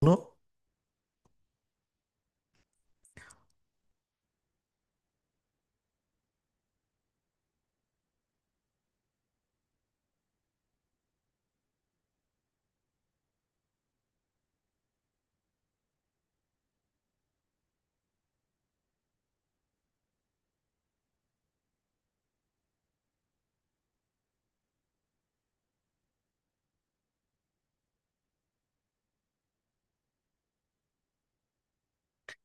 No,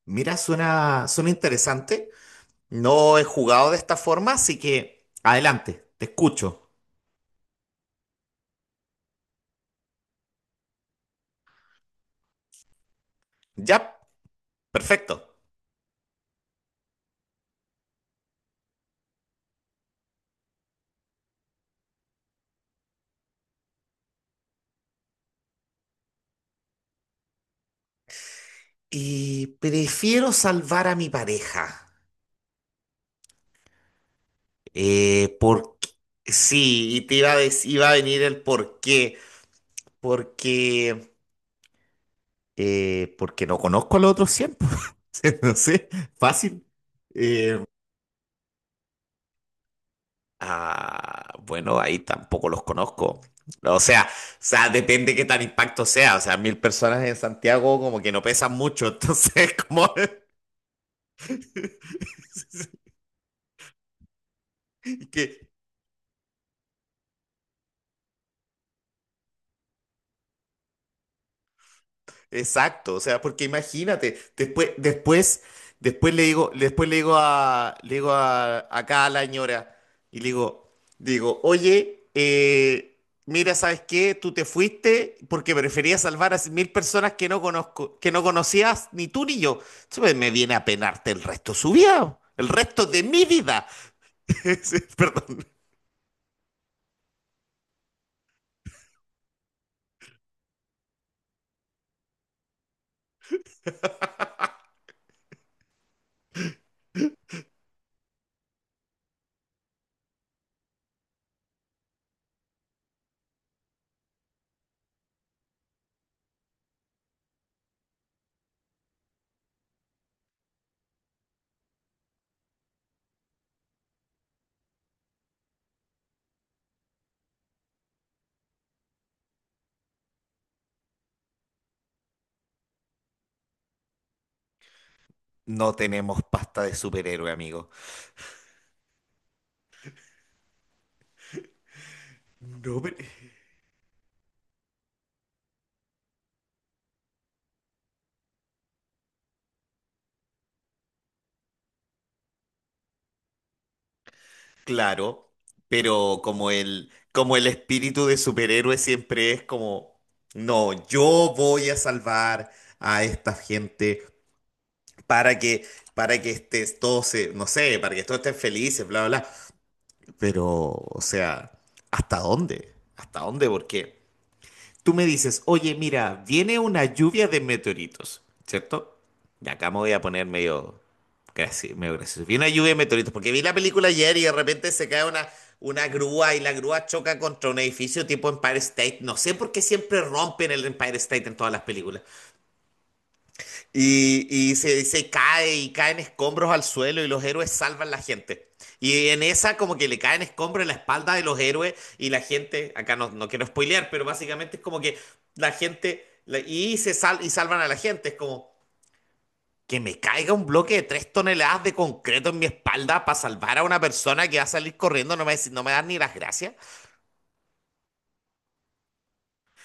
mira, suena interesante. No he jugado de esta forma, así que adelante, te escucho. Ya, perfecto. Y prefiero salvar a mi pareja. Porque sí, y te iba a dec- iba a venir el por qué. Porque, porque no conozco a los otros 100. No sé, fácil. Eh, Ah, bueno, ahí tampoco los conozco. O sea, depende qué tan impacto sea. O sea, 1000 personas en Santiago como que no pesan mucho, entonces como que, Exacto, o sea, porque imagínate, después le digo, acá a la señora y le digo, digo, oye, mira, ¿sabes qué? Tú te fuiste porque preferías salvar a 1000 personas que no conozco, que no conocías ni tú ni yo. Eso me viene a penarte el resto de su vida, el resto de mi vida. Perdón. No tenemos pasta de superhéroe, amigo. No, pero- Claro, pero como el espíritu de superhéroe siempre es como, no, yo voy a salvar a esta gente para que, para que estés, todos se, no sé, para que todos estén felices, bla, bla, bla. Pero, o sea, ¿hasta dónde? ¿Hasta dónde? Porque tú me dices, oye, mira, viene una lluvia de meteoritos, ¿cierto? Y acá me voy a poner medio gracioso. Viene una lluvia de meteoritos, porque vi la película ayer y de repente una grúa y la grúa choca contra un edificio tipo Empire State. No sé por qué siempre rompen el Empire State en todas las películas. Y, se cae y caen escombros al suelo y los héroes salvan la gente. Y en esa como que le caen escombros en la espalda de los héroes y la gente, acá no quiero spoilear, pero básicamente es como que la gente, la- y se sal, y salvan a la gente, es como que me caiga un bloque de 3 toneladas de concreto en mi espalda para salvar a una persona que va a salir corriendo, no me dan ni las gracias.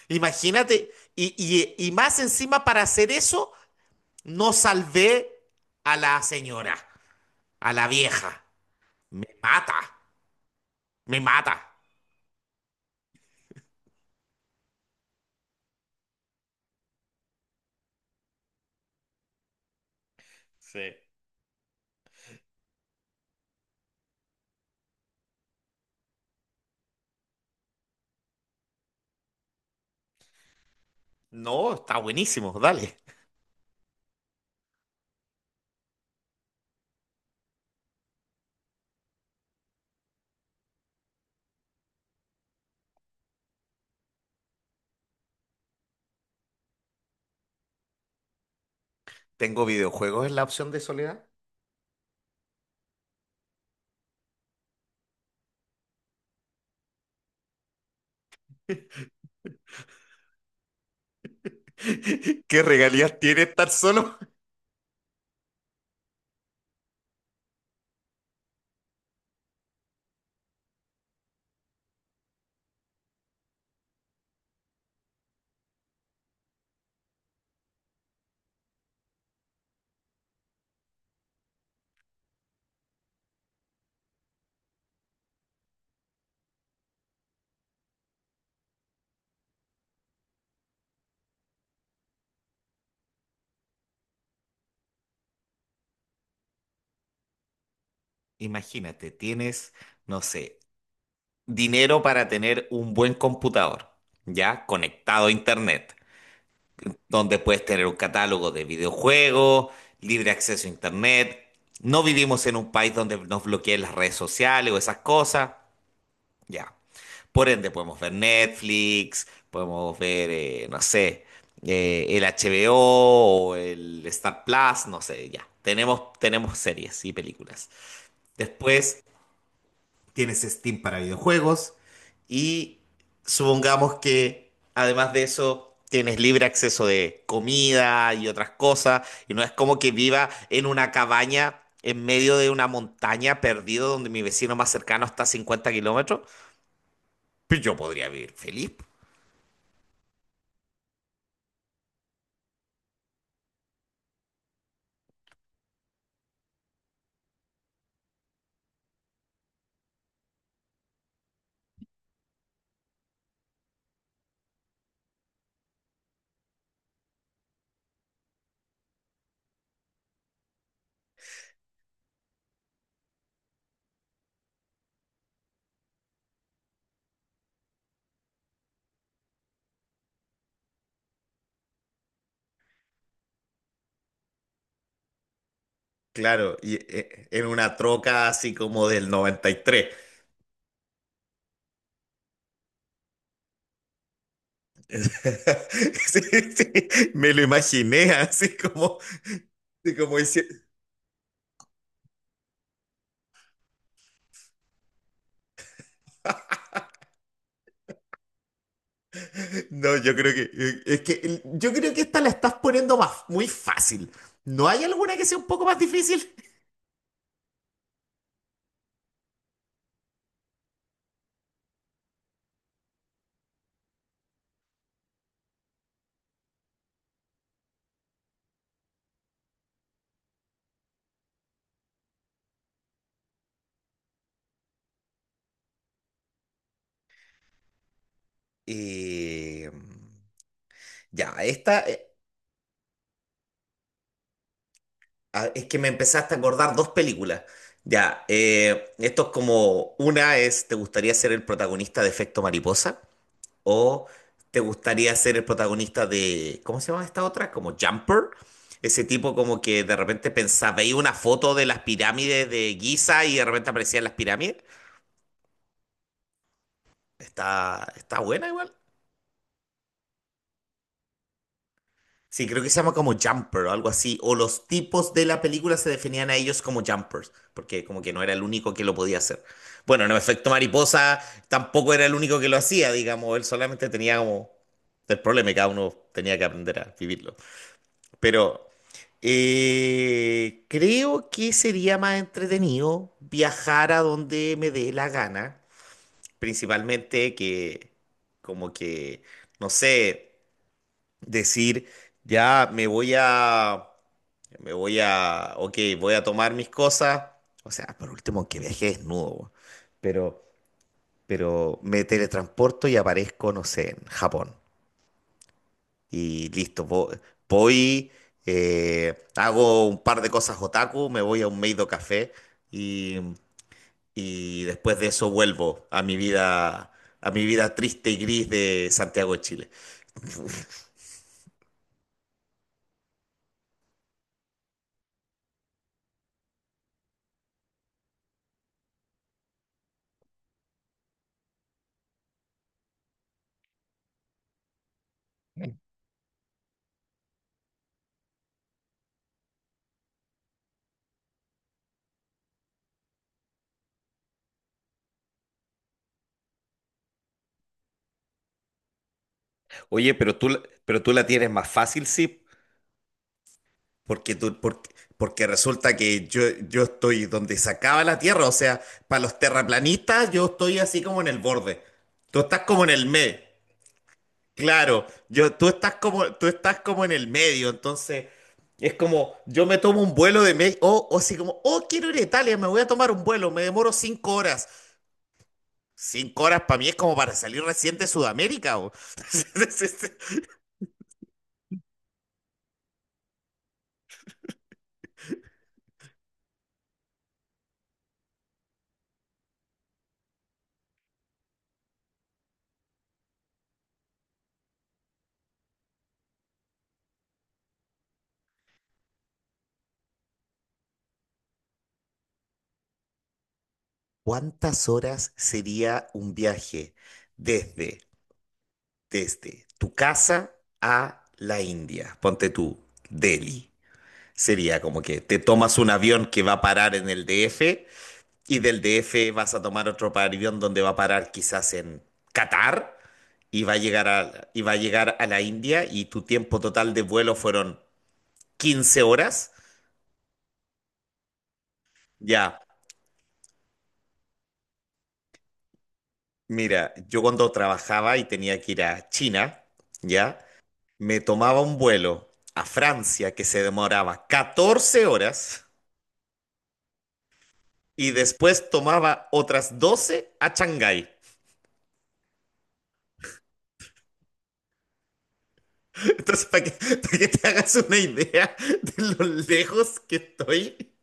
Imagínate, y más encima para hacer eso, no salvé a la señora, a la vieja. Me mata, me mata. Sí. No, está buenísimo, dale. Tengo videojuegos en la opción de soledad. ¿Qué regalías tiene estar solo? Imagínate, tienes, no sé, dinero para tener un buen computador, ya conectado a internet, donde puedes tener un catálogo de videojuegos, libre acceso a internet. No vivimos en un país donde nos bloqueen las redes sociales o esas cosas. Ya. Por ende, podemos ver Netflix, podemos ver, no sé, el HBO o el Star Plus, no sé, ya. Tenemos series y películas. Después tienes Steam para videojuegos y supongamos que además de eso tienes libre acceso de comida y otras cosas y no es como que viva en una cabaña en medio de una montaña perdido donde mi vecino más cercano está a 50 kilómetros. Pues yo podría vivir feliz. Claro, y en una troca así como del 93. Sí, sí, me lo imaginé así como diciendo, no, yo creo que yo creo que esta la estás poniendo más, muy fácil. ¿No hay alguna que sea un poco más difícil? Eh, ya, esta ah, es que me empezaste a acordar dos películas. Ya, esto es como, una es, ¿te gustaría ser el protagonista de Efecto Mariposa? ¿O te gustaría ser el protagonista de, cómo se llama esta otra? Como Jumper. Ese tipo como que de repente pensaba, veía una foto de las pirámides de Giza y de repente aparecían las pirámides. Está buena igual. Sí, creo que se llama como Jumper o algo así. O los tipos de la película se definían a ellos como Jumpers, porque como que no era el único que lo podía hacer. Bueno, no, Efecto Mariposa tampoco era el único que lo hacía, digamos. Él solamente tenía como el problema que cada uno tenía que aprender a vivirlo. Pero creo que sería más entretenido viajar a donde me dé la gana, principalmente que como que, no sé, decir, ya me voy a, ok, voy a tomar mis cosas, o sea, por último que viaje desnudo, bo, pero, pero me teletransporto y aparezco, no sé, en Japón. Y listo, voy, hago un par de cosas otaku, me voy a un Meido Café y, y después de eso vuelvo a mi vida triste y gris de Santiago de Chile. Oye, pero tú la tienes más fácil, sí. Porque, tú, porque, porque resulta que yo estoy donde se acaba la Tierra, o sea, para los terraplanistas yo estoy así como en el borde. Tú estás como en el medio. Claro, yo, tú estás como en el medio, entonces es como, yo me tomo un vuelo de México, o así como, oh, quiero ir a Italia, me voy a tomar un vuelo, me demoro 5 horas. Cinco horas para mí es como para salir recién de Sudamérica, ¿o? ¿Cuántas horas sería un viaje desde, desde tu casa a la India? Ponte tú, Delhi. Sería como que te tomas un avión que va a parar en el DF y del DF vas a tomar otro avión donde va a parar quizás en Qatar y va a llegar a la India y tu tiempo total de vuelo fueron 15 horas. Ya, mira, yo cuando trabajaba y tenía que ir a China, ya, me tomaba un vuelo a Francia que se demoraba 14 horas y después tomaba otras 12 a Shanghái. Entonces, para que te hagas una idea de lo lejos que estoy.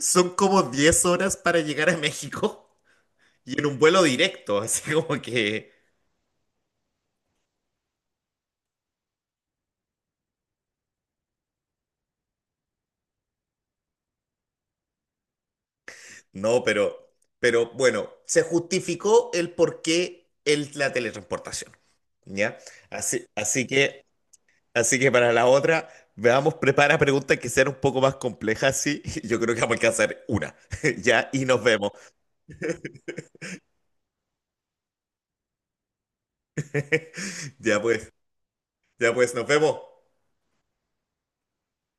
Son como 10 horas para llegar a México y en un vuelo directo, así como que... No, pero bueno, se justificó el por qué la teletransportación, ¿ya? Así, así que, así que para la otra, veamos, prepara preguntas que sean un poco más complejas, sí. Yo creo que vamos a alcanzar una, ¿ya? Y nos vemos. Ya pues, ya pues, nos vemos.